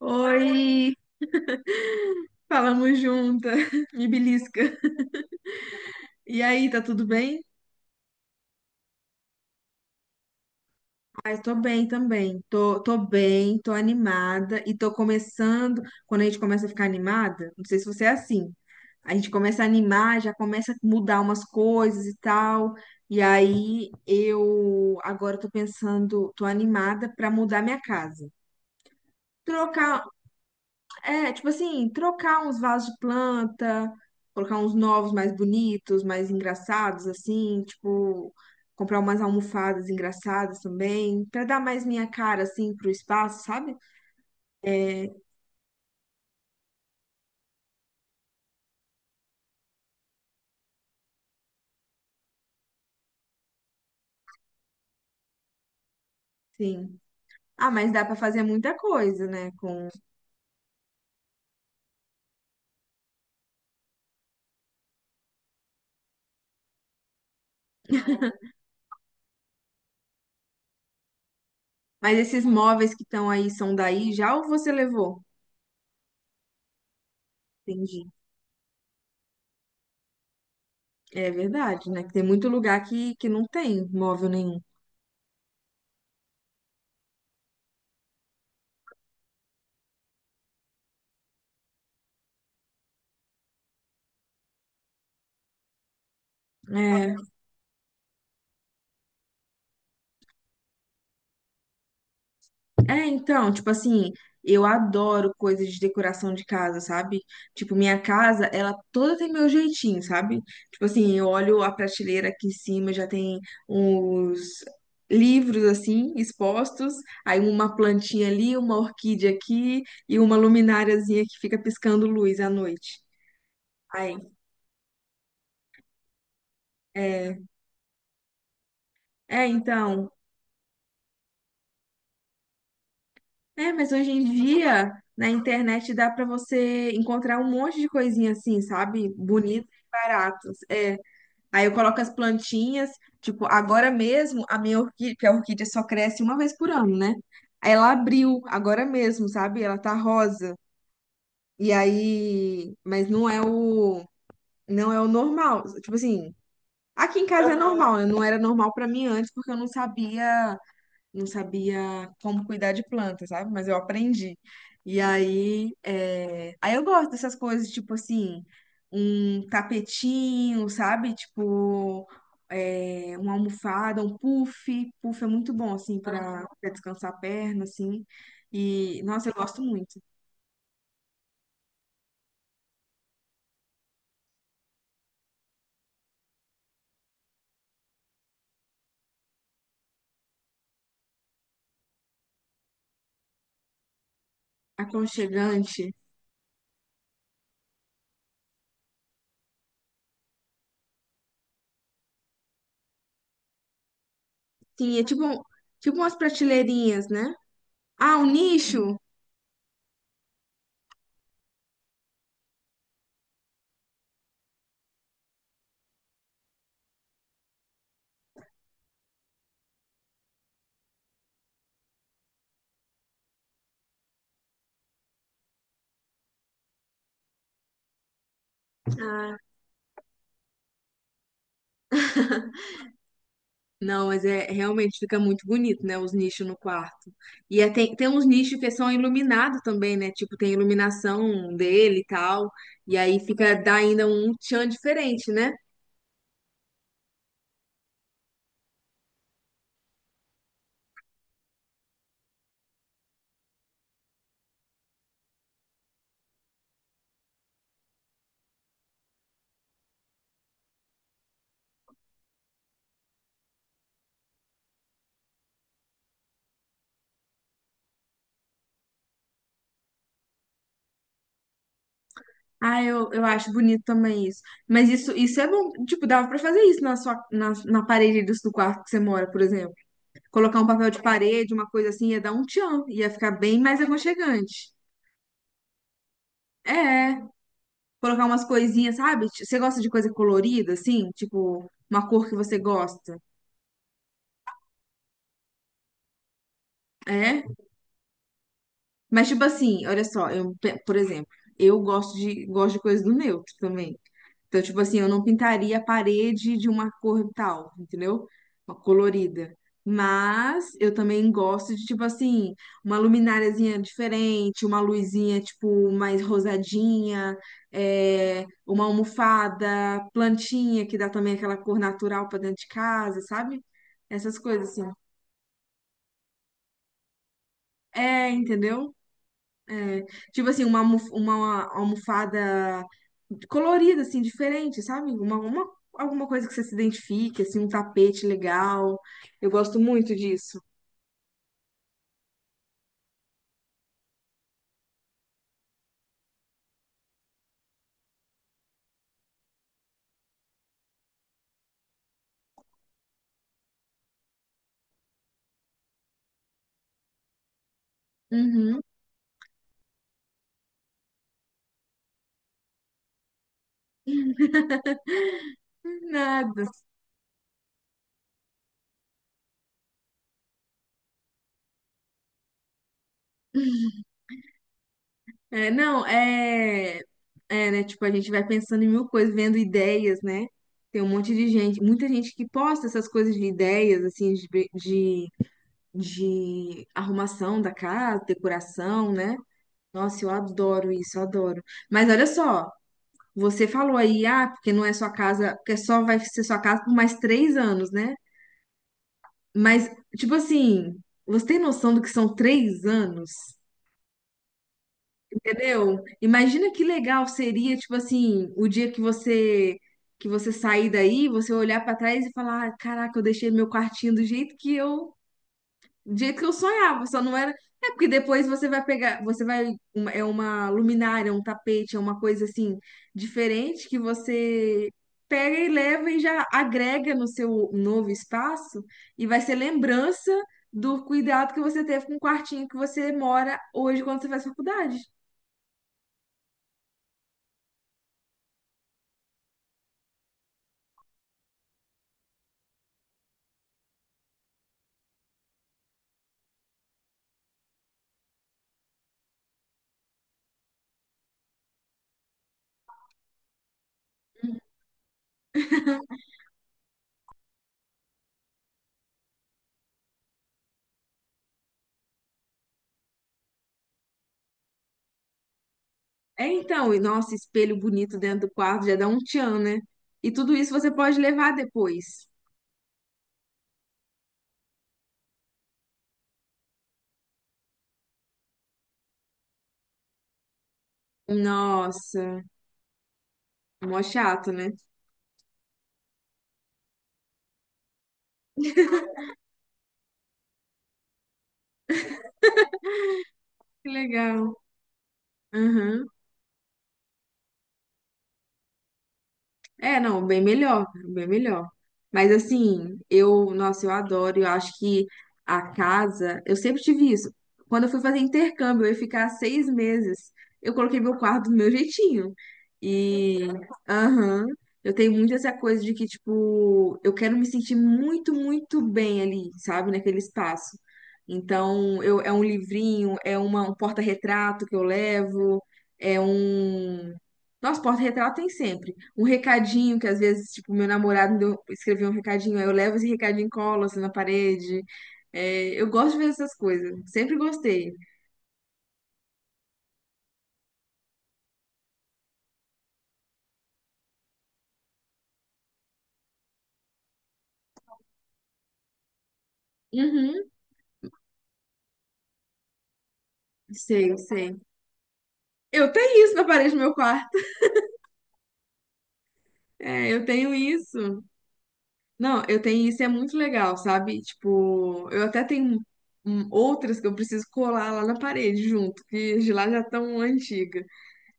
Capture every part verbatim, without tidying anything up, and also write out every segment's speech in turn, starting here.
Oi, falamos junta, me belisca. E aí, tá tudo bem? Ai, tô bem também. Tô, tô bem, tô animada e tô começando. Quando a gente começa a ficar animada, não sei se você é assim, a gente começa a animar, já começa a mudar umas coisas e tal. E aí, eu agora tô pensando, tô animada pra mudar minha casa. Trocar É, tipo assim, trocar uns vasos de planta, colocar uns novos mais bonitos, mais engraçados, assim, tipo, comprar umas almofadas engraçadas também, pra dar mais minha cara, assim, pro espaço, sabe? É, sim. Ah, mas dá pra fazer muita coisa, né? Com... Mas esses móveis que estão aí são daí já ou você levou? Entendi. É verdade, né? Que tem muito lugar que, que não tem móvel nenhum. É. É, então, tipo assim, eu adoro coisas de decoração de casa, sabe? Tipo, minha casa, ela toda tem meu jeitinho, sabe? Tipo assim, eu olho a prateleira aqui em cima, já tem uns livros assim expostos, aí uma plantinha ali, uma orquídea aqui e uma lumináriazinha que fica piscando luz à noite. Aí, é, é, então, é, mas hoje em dia na internet dá pra você encontrar um monte de coisinha assim, sabe? Bonita e baratas. É, aí eu coloco as plantinhas, tipo, agora mesmo a minha orquídea, porque a orquídea só cresce uma vez por ano, né? Aí ela abriu agora mesmo, sabe? Ela tá rosa. E aí, mas não é o não é o normal. Tipo assim, aqui em casa é normal, né? Não era normal pra mim antes porque eu não sabia não sabia como cuidar de planta, sabe? Mas eu aprendi. E aí, é, aí eu gosto dessas coisas, tipo assim, um tapetinho, sabe? Tipo, é, uma almofada, um puff. Puff é muito bom, assim, para descansar a perna, assim. E, nossa, eu gosto muito. Aconchegante. Sim, é tipo, tipo umas prateleirinhas, né? Ah, um nicho? Não, mas é realmente fica muito bonito, né? Os nichos no quarto. E é, tem, tem uns nichos que são iluminados também, né? Tipo, tem iluminação dele e tal. E aí fica, dá ainda um tchan diferente, né? Ah, eu, eu acho bonito também isso. Mas isso, isso é bom. Tipo, dava pra fazer isso na sua, na, na parede do, do quarto que você mora, por exemplo. Colocar um papel de parede, uma coisa assim, ia dar um tchan. Ia ficar bem mais aconchegante. É, colocar umas coisinhas, sabe? Você gosta de coisa colorida, assim? Tipo, uma cor que você gosta. É, mas tipo assim, olha só, eu, pe- por exemplo, eu gosto de gosto de coisas do neutro também. Então, tipo assim, eu não pintaria a parede de uma cor tal, entendeu? Uma colorida. Mas eu também gosto de, tipo assim, uma lumináriazinha diferente, uma luzinha, tipo, mais rosadinha, é, uma almofada, plantinha que dá também aquela cor natural pra dentro de casa, sabe? Essas coisas assim. É, entendeu? É, tipo assim, uma, almo- uma almofada colorida, assim, diferente, sabe? Uma, uma- alguma coisa que você se identifique, assim, um tapete legal. Eu gosto muito disso. Uhum. Nada. É, não, é, é, né? Tipo, a gente vai pensando em mil coisas, vendo ideias, né? Tem um monte de gente, muita gente que posta essas coisas de ideias, assim, de, de, de arrumação da casa, decoração, né? Nossa, eu adoro isso, eu adoro. Mas olha só. Você falou aí, ah, porque não é sua casa, porque só vai ser sua casa por mais três anos, né? Mas, tipo assim, você tem noção do que são três anos? Entendeu? Imagina que legal seria, tipo assim, o dia que você que você sair daí, você olhar pra trás e falar, ah, caraca, eu deixei meu quartinho do jeito que eu do jeito que eu sonhava, só não era. É porque depois você vai pegar, você vai, uma- é uma luminária, um tapete, é uma coisa assim diferente que você pega e leva e já agrega no seu novo espaço e vai ser lembrança do cuidado que você teve com o quartinho que você mora hoje quando você faz faculdade. É então, e nossa, espelho bonito dentro do quarto já dá um tchan, né? E tudo isso você pode levar depois. Nossa, mó chato, né? Que legal. Aham. É, não, bem melhor, bem melhor. Mas assim, eu, nossa, eu adoro, eu acho que a casa, eu sempre tive isso. Quando eu fui fazer intercâmbio, eu ia ficar seis meses, eu coloquei meu quarto do meu jeitinho. E, aham, eu tenho muito essa coisa de que, tipo, eu quero me sentir muito, muito bem ali, sabe, naquele espaço. Então, eu, é um livrinho, é uma, um porta-retrato que eu levo, é um, nossa, porta-retrato tem sempre. Um recadinho que às vezes, tipo, meu namorado me deu- escreveu um recadinho, aí eu levo esse recadinho e colo assim na parede. É, eu gosto de ver essas coisas. Sempre gostei. Uhum, sei, sei. Eu tenho isso na parede do meu quarto. É, eu tenho isso. Não, eu tenho isso e é muito legal, sabe? Tipo, eu até tenho hum, outras que eu preciso colar lá na parede junto, que as de lá já estão antigas.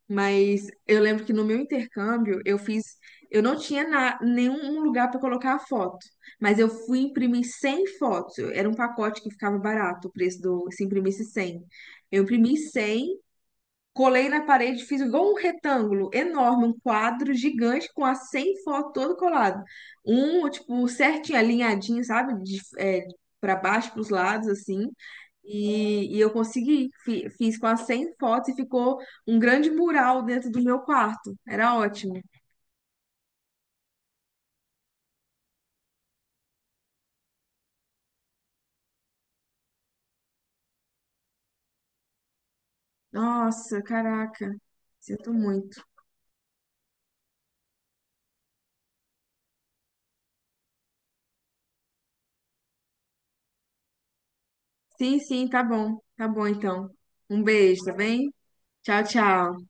Mas eu lembro que no meu intercâmbio eu fiz, eu não tinha na- nenhum lugar para colocar a foto, mas eu fui imprimir cem fotos. Era um pacote que ficava barato o preço do se imprimisse cem. Eu imprimi cem. Colei na parede, fiz igual um retângulo enorme, um quadro gigante com as cem fotos todo colado. Um, tipo, certinho, alinhadinho, sabe? De, é, para baixo, para os lados, assim. E, e eu consegui. Fi- Fiz com as cem fotos e ficou um grande mural dentro do meu quarto. Era ótimo. Nossa, caraca. Sinto muito. Sim, sim, tá bom. Tá bom, então. Um beijo, tá bem? Tchau, tchau.